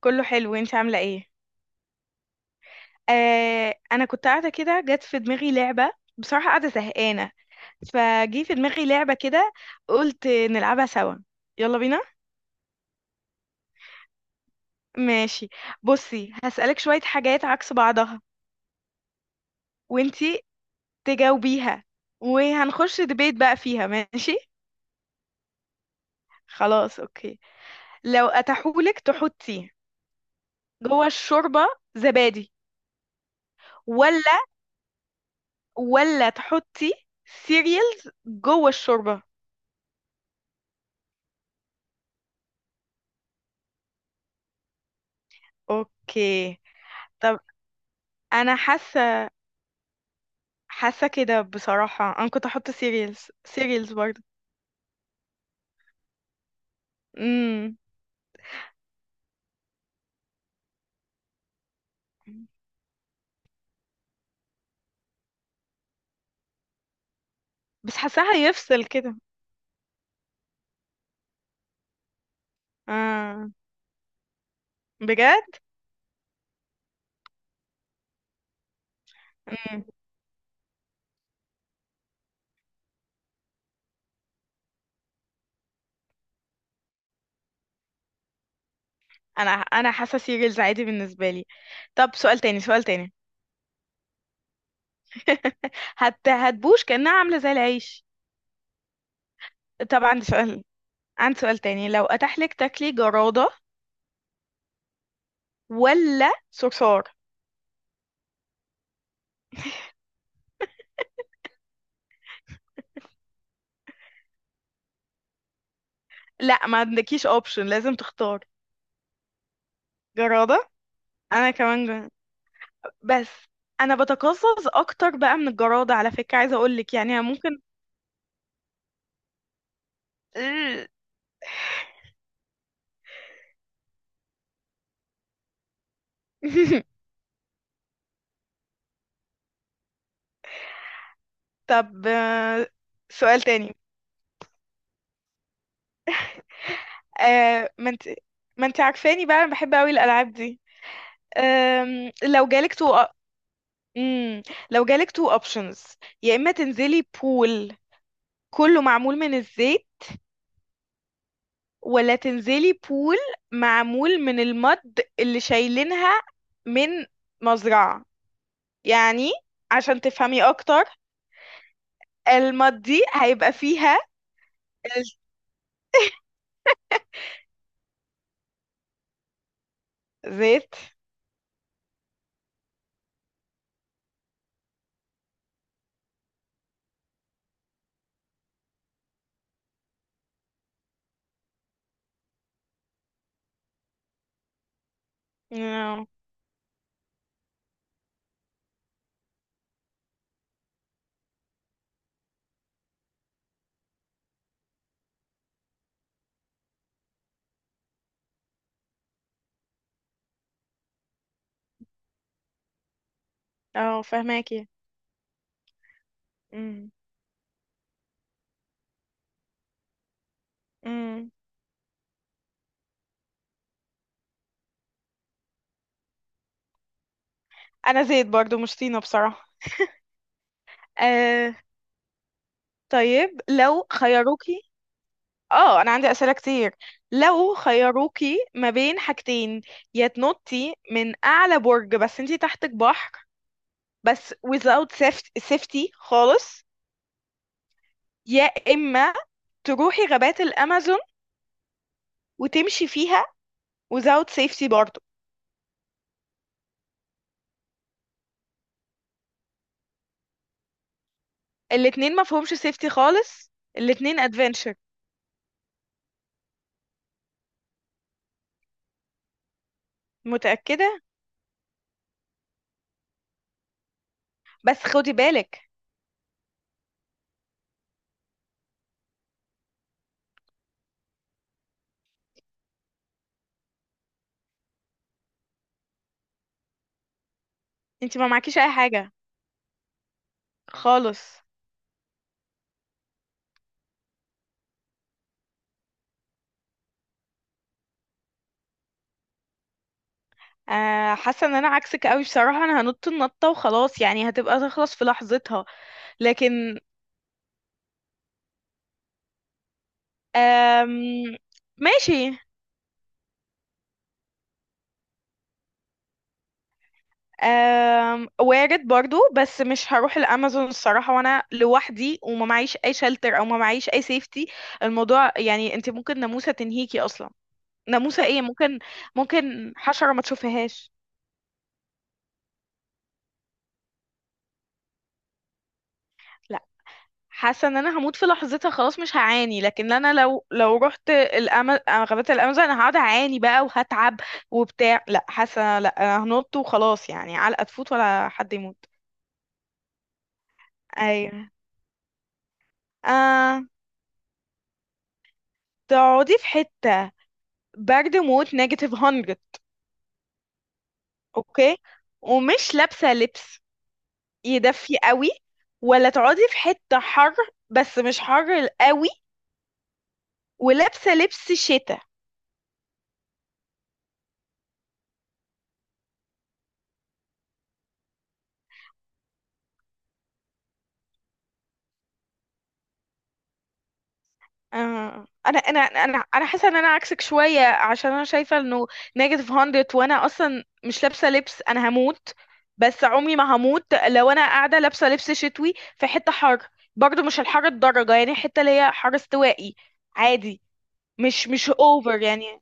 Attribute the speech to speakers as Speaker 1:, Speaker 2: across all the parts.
Speaker 1: كله حلو، انت عامله ايه؟ آه، انا كنت قاعده كده، جت في دماغي لعبه. بصراحه قاعده زهقانه. فجي في دماغي لعبه كده، قلت نلعبها سوا. يلا بينا. ماشي. بصي، هسألك شويه حاجات عكس بعضها، وانتي تجاوبيها، وهنخش دبيت بقى فيها، ماشي؟ خلاص، اوكي. لو اتاحولك تحطي جوه الشوربه زبادي، ولا، ولا تحطي سيريالز جوه الشوربه؟ اوكي. طب انا حاسه كده بصراحه، انا كنت احط سيريالز سيريالز برضه. امم بس حاساها هيفصل كده. اه، بجد؟ امم انا حاسه سيريالز عادي بالنسبه لي. طب سؤال تاني، سؤال تاني. هتبوش كأنها عاملة زي العيش. طب عندي سؤال، عندي سؤال تاني. لو أتاح لك تاكلي جرادة ولا صرصار؟ لا، ما عندكيش اوبشن، لازم تختار جرادة. انا كمان. بس انا بتقزز اكتر بقى من الجرادة، على فكرة عايزة اقولك، يعني أنا ممكن. طب. سؤال تاني. آه، ما انت ما انت عارفاني بقى، انا بحب قوي الالعاب دي. لو جالك تو، مم، لو جالك تو اوبشنز، يا اما تنزلي بول كله معمول من الزيت، ولا تنزلي بول معمول من المد اللي شايلينها، من مزرعة يعني، عشان تفهمي اكتر المضي هيبقى فيها الزيت. اه. اه، فهماكي. مم. مم. انا زيت برضو، مش طينة بصراحة. آه. طيب لو خيروكي، اه، انا عندي اسئلة كتير. لو خيروكي ما بين حاجتين، يا تنطي من اعلى برج بس انتي تحتك بحر، بس without safety خالص، يا اما تروحي غابات الامازون وتمشي فيها without safety برضو. الاتنين ما فيهمش سيفتي خالص. الاتنين ادفنتشر. متأكدة. بس خدي بالك، انت ما معكيش اي حاجة خالص. آه، حاسة ان انا عكسك قوي بصراحة. انا هنط النطة وخلاص، يعني هتبقى تخلص في لحظتها. لكن آم ماشي. وارد برضو، بس مش هروح الامازون الصراحة وانا لوحدي وما معيش اي شلتر او ما معيش اي سيفتي. الموضوع يعني، انت ممكن ناموسة تنهيكي اصلا. ناموسة ايه، ممكن ممكن حشرة ما تشوفهاش. حاسه ان انا هموت في لحظتها خلاص، مش هعاني. لكن انا لو رحت غابة الامازون، انا هقعد اعاني بقى وهتعب وبتاع. لا، حاسه لا، انا هنط وخلاص، يعني علقه تفوت ولا حد يموت. ايوه. آه... تقعدي في حته برد موت نيجاتيف 100، اوكي، ومش لابسه لبس يدفي قوي، ولا تقعدي في حته حر، بس مش حر قوي، ولابسه لبس شتاء؟ آه، انا حاسه ان انا عكسك شويه، عشان انا شايفه انه نيجاتيف 100 وانا اصلا مش لابسه لبس، انا هموت. بس عمري ما هموت لو انا قاعده لابسه لبس شتوي في حته حر. برضو مش الحر الدرجه، يعني حته اللي هي حر استوائي عادي، مش اوفر يعني،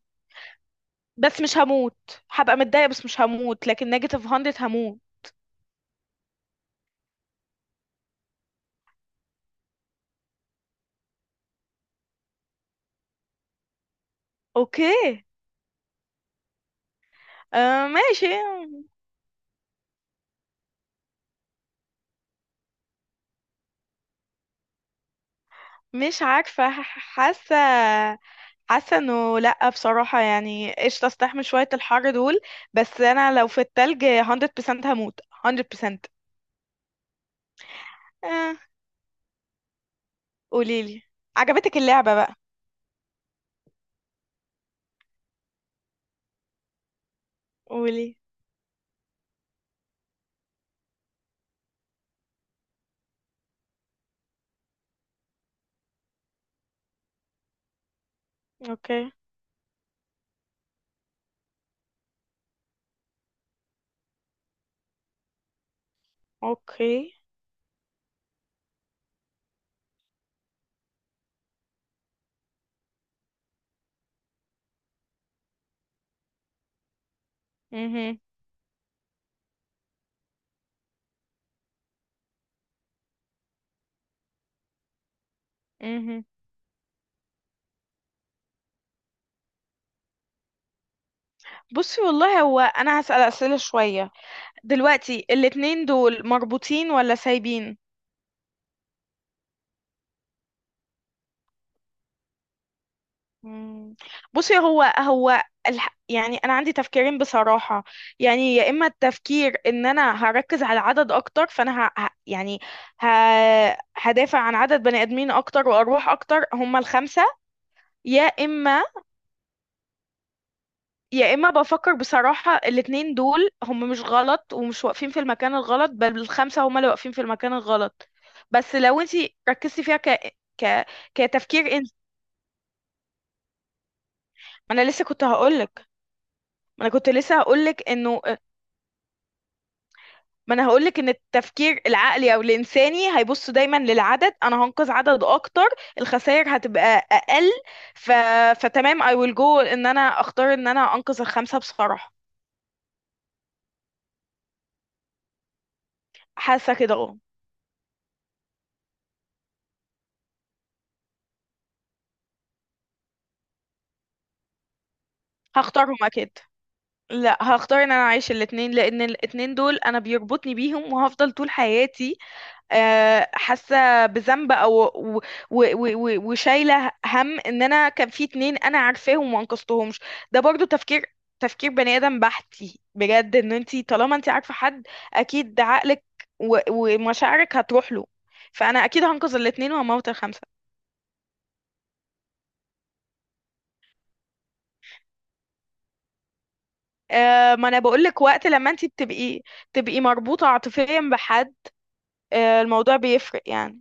Speaker 1: بس مش هموت. هبقى متضايقه بس مش هموت، لكن نيجاتيف 100 هموت. اوكي. آه، ماشي. مش عارفه. حاسه، حاسه انه لا بصراحه، يعني قشطه استحمل شويه الحر دول. بس انا لو في التلج 100% هموت، 100%. آه. قوليلي. عجبتك اللعبه بقى؟ قولي. اوكي، اوكي. مهم. مهم. بصي والله، هو انا هسأل اسئله شويه. دلوقتي الاتنين دول مربوطين ولا سايبين؟ مم. بصي، هو يعني انا عندي تفكيرين بصراحه. يعني يا اما التفكير ان انا هركز على العدد اكتر، فانا يعني ه... هدافع عن عدد بني ادمين اكتر وارواح اكتر، هم الخمسه. يا اما يا اما بفكر بصراحه، الاتنين دول هم مش غلط ومش واقفين في المكان الغلط، بل الخمسه هم اللي واقفين في المكان الغلط. بس لو انتي ركزتي فيها كتفكير انسان، ما انا لسه كنت هقولك، ما انا كنت لسه هقولك انه، ما انا هقولك، ان التفكير العقلي او الانساني هيبص دايما للعدد. انا هنقذ عدد اكتر، الخسائر هتبقى اقل. ف... فتمام، I will go ان انا اختار ان انا انقذ الخمسة بصراحة. حاسة كده، اه. هختارهم اكيد. لا، هختار ان انا اعيش الاتنين، لان الاتنين دول انا بيربطني بيهم وهفضل طول حياتي آه، حاسه بذنب، او و- و- و- و- وشايله هم ان انا كان في اتنين انا عارفاهم وما انقذتهمش. ده برضو تفكير، تفكير بني ادم بحتي بجد. ان انتي طالما انتي عارفه حد، اكيد عقلك ومشاعرك هتروح له، فانا اكيد هنقذ الاتنين وهموت الخمسه. ما انا بقولك، وقت لما انتي تبقي مربوطه عاطفيا بحد، آه، الموضوع بيفرق يعني.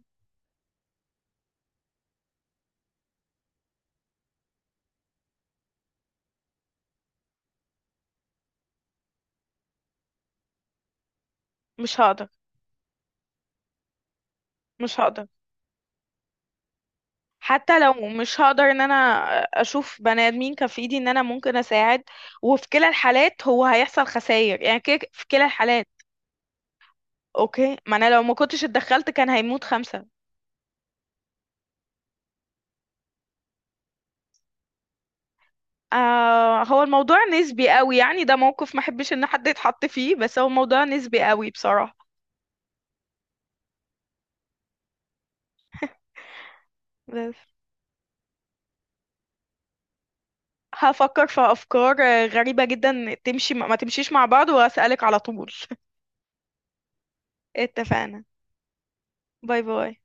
Speaker 1: مش هقدر. مش هقدر. حتى لو مش هقدر ان انا اشوف بني ادمين كان في ايدي ان انا ممكن اساعد، وفي كلا الحالات هو هيحصل خسائر يعني، كده في كلا الحالات. اوكي، ما انا لو ما كنتش اتدخلت كان هيموت خمسة. آه، هو الموضوع نسبي قوي يعني، ده موقف ما احبش ان حد يتحط فيه، بس هو الموضوع نسبي قوي بصراحة. بس هفكر في افكار غريبة جدا، تمشي ما تمشيش مع بعض واسألك على طول. اتفقنا. باي باي.